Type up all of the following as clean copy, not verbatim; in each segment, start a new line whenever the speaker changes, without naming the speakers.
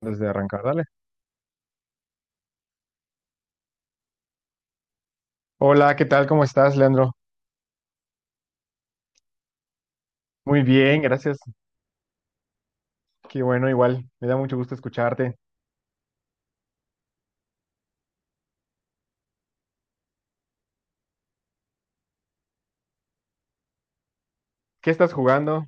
Desde arrancar, dale. Hola, ¿qué tal? ¿Cómo estás, Leandro? Muy bien, gracias. Qué bueno, igual. Me da mucho gusto escucharte. ¿Qué estás jugando?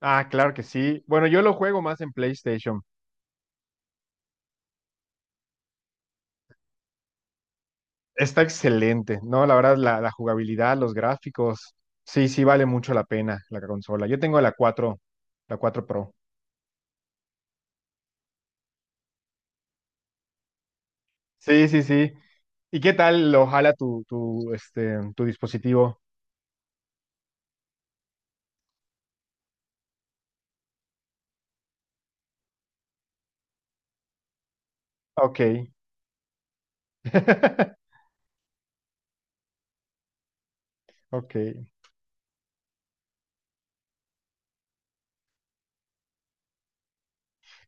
Ah, claro que sí. Bueno, yo lo juego más en PlayStation. Está excelente, ¿no? La verdad, la jugabilidad, los gráficos. Sí, sí, vale mucho la pena la consola. Yo tengo la cuatro Pro. Sí, sí, sí. ¿Y qué tal lo jala tu dispositivo? Ok. Ok.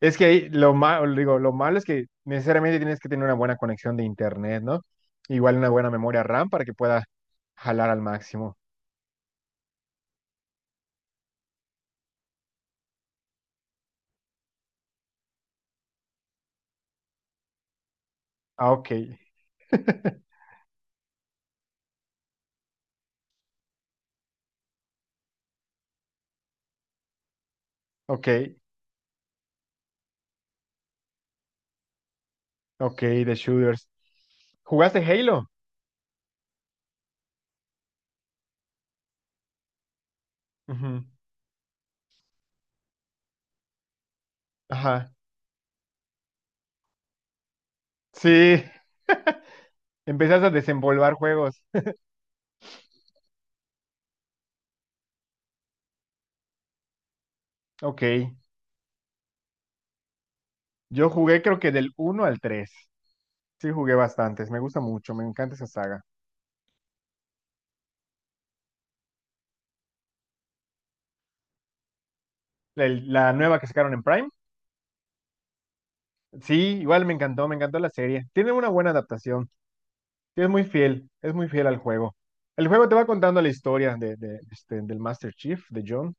Es que ahí lo malo, digo, lo malo es que necesariamente tienes que tener una buena conexión de internet, ¿no? Igual una buena memoria RAM para que pueda jalar al máximo. Ah, ok. Ok, ok, de shooters. ¿Jugaste Halo? Ujú. Ajá. Sí, empezaste a desenvolver juegos. Ok, yo jugué creo que del uno al 3. Sí, jugué bastantes, me gusta mucho, me encanta esa saga. La nueva que sacaron en Prime, sí, igual me encantó la serie. Tiene una buena adaptación. Sí, es muy fiel al juego. El juego te va contando la historia del Master Chief, de John,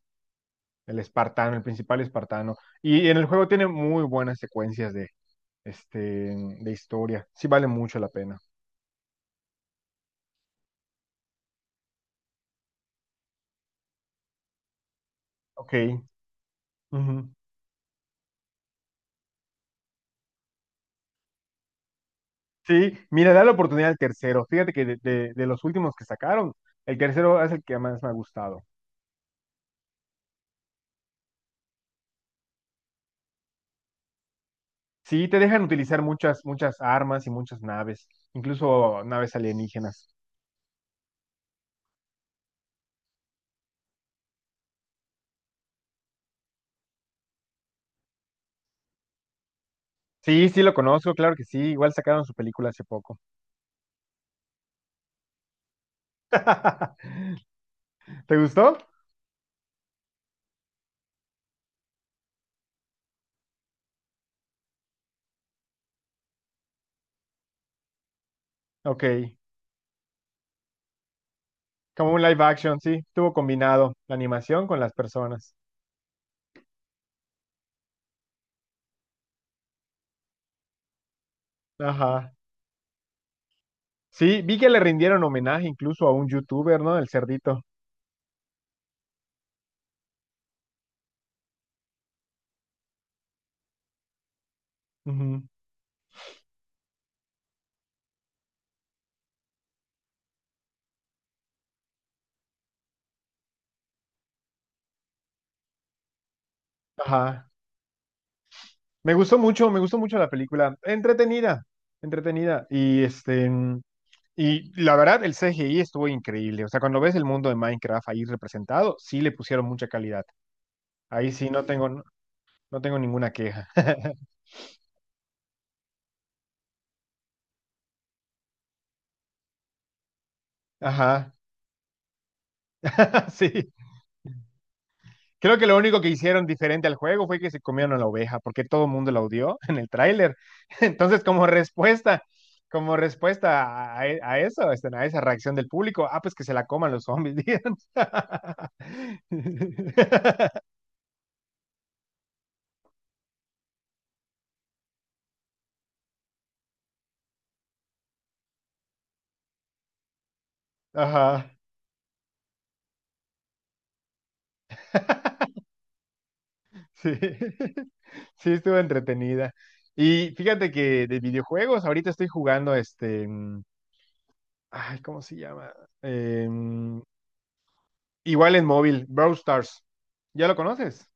el espartano, el principal espartano. Y en el juego tiene muy buenas secuencias de, de historia. Sí vale mucho la pena. Ok. Ujú. Sí, mira, da la oportunidad al tercero. Fíjate que de los últimos que sacaron, el tercero es el que más me ha gustado. Sí, te dejan utilizar muchas, muchas armas y muchas naves, incluso naves alienígenas. Sí, sí lo conozco, claro que sí. Igual sacaron su película hace poco. ¿Te gustó? Ok. Como un live action, sí. Estuvo combinado la animación con las personas. Ajá. Sí, vi que le rindieron homenaje incluso a un youtuber, ¿no? El cerdito. Ujú. Ajá. Me gustó mucho la película. Entretenida, entretenida. Y este, y la verdad, el CGI estuvo increíble. O sea, cuando ves el mundo de Minecraft ahí representado, sí le pusieron mucha calidad. Ahí sí no no tengo ninguna queja. Ajá. Sí. Creo que lo único que hicieron diferente al juego fue que se comieron a la oveja, porque todo el mundo la odió en el tráiler. Entonces, como respuesta a, a eso, a esa reacción del público, ah, pues que se la coman los zombies, digan. Ajá, sí. Sí, estuvo entretenida. Y fíjate que de videojuegos, ahorita estoy jugando ¿cómo se llama? Em, Igual en móvil, Brawl Stars. ¿Ya lo conoces?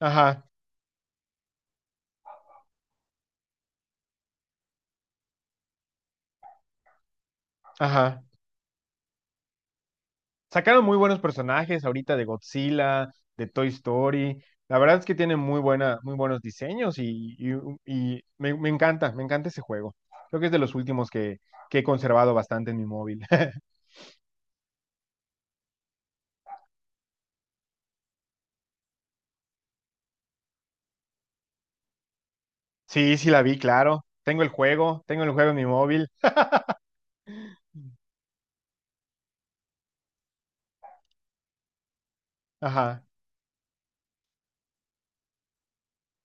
Ajá, ajá. Sacaron muy buenos personajes ahorita de Godzilla, de Toy Story. La verdad es que tienen muy buena, muy buenos diseños y me encanta ese juego. Creo que es de los que he conservado bastante en mi móvil. Sí, sí la vi, claro. Tengo el juego en mi móvil. Ajá,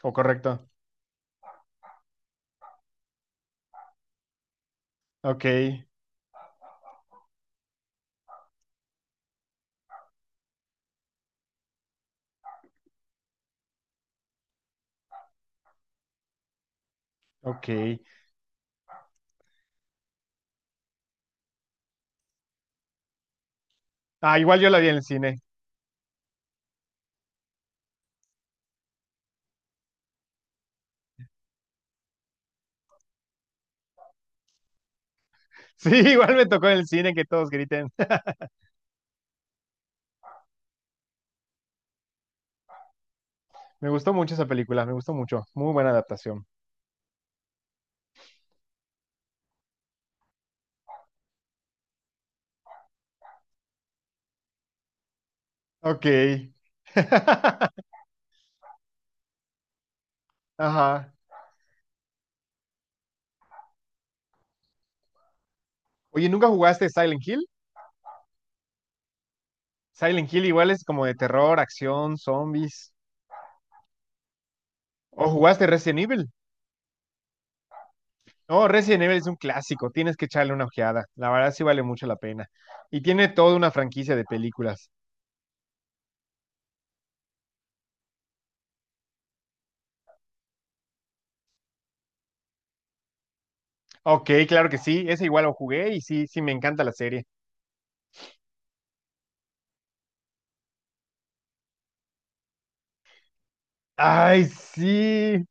o correcto. Ok, ok. Ah, igual yo la vi en el cine. Sí, igual me tocó en el cine que todos griten. Me gustó mucho esa película, me gustó mucho. Muy buena adaptación. Ok. Ajá. Oye, ¿nunca jugaste Silent Hill? Silent Hill igual es como de terror, acción, zombies. ¿O jugaste Resident Evil? No, Resident Evil es un clásico, tienes que echarle una ojeada. La verdad sí vale mucho la pena. Y tiene toda una franquicia de películas. Ok, claro que sí, ese igual lo jugué y sí, sí, me encanta la serie. Ay, sí.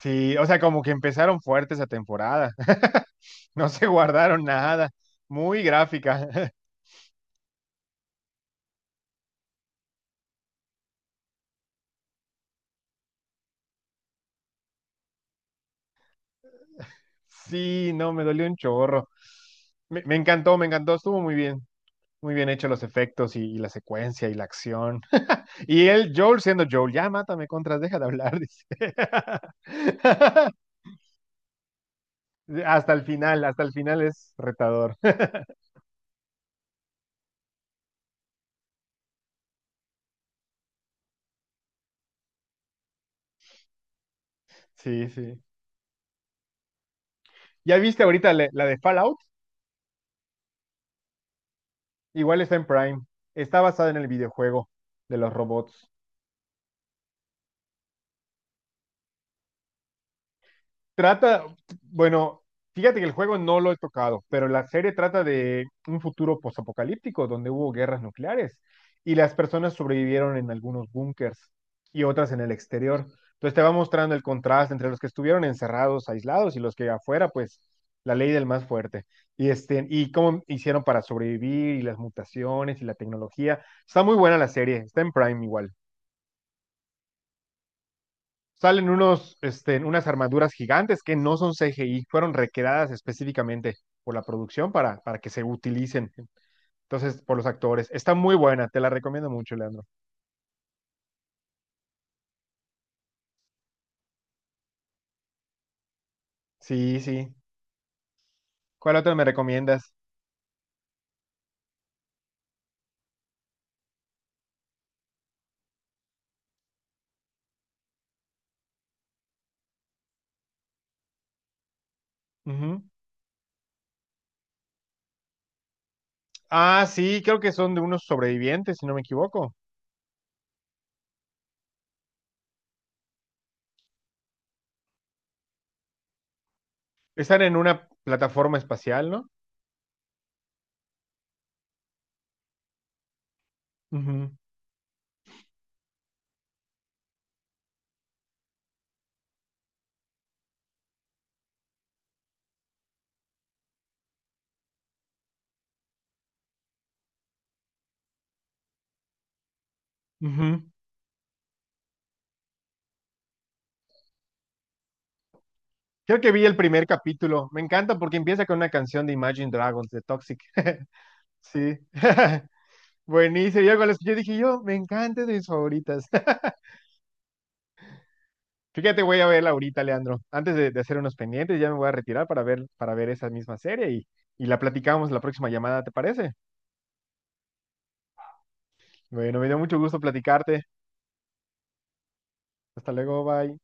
Sí, o sea, como que empezaron fuerte esa temporada. No se guardaron nada. Muy gráfica. Sí, no, me dolió un chorro. Me encantó, me encantó, estuvo muy bien. Muy bien hechos los efectos y la secuencia y la acción. Y él, Joel, siendo Joel, ya mátame contras, deja de hablar, dice. Hasta el final es retador. Sí, sí. ¿Ya viste ahorita la de Fallout? Igual está en Prime. Está basada en el videojuego de los robots. Trata, bueno, fíjate que el juego no lo he tocado, pero la serie trata de un futuro posapocalíptico donde hubo guerras nucleares y las personas sobrevivieron en algunos búnkers y otras en el exterior. Entonces te va mostrando el contraste entre los que estuvieron encerrados, aislados y los que afuera, pues la ley del más fuerte. Y este, y cómo hicieron para sobrevivir y las mutaciones y la tecnología. Está muy buena la serie, está en Prime igual. Salen unos, este, unas armaduras gigantes que no son CGI, fueron recreadas específicamente por la producción para que se utilicen. Entonces, por los actores. Está muy buena, te la recomiendo mucho, Leandro. Sí, sí. ¿Cuál otra me recomiendas? Ujú. Ah, sí, creo que son de unos sobrevivientes, si no me equivoco. Están en una plataforma espacial, ¿no? Ujú, ujú. Creo que vi el primer capítulo. Me encanta porque empieza con una canción de Imagine Dragons, de Toxic. Sí. Buenísimo. Yo, cuando la escuché dije yo, me encanta es de mis favoritas. Fíjate, voy a verla ahorita, Leandro. Antes de hacer unos pendientes, ya me voy a retirar para ver esa misma serie y la platicamos la próxima llamada, ¿te parece? Bueno, me dio mucho gusto platicarte. Hasta luego, bye.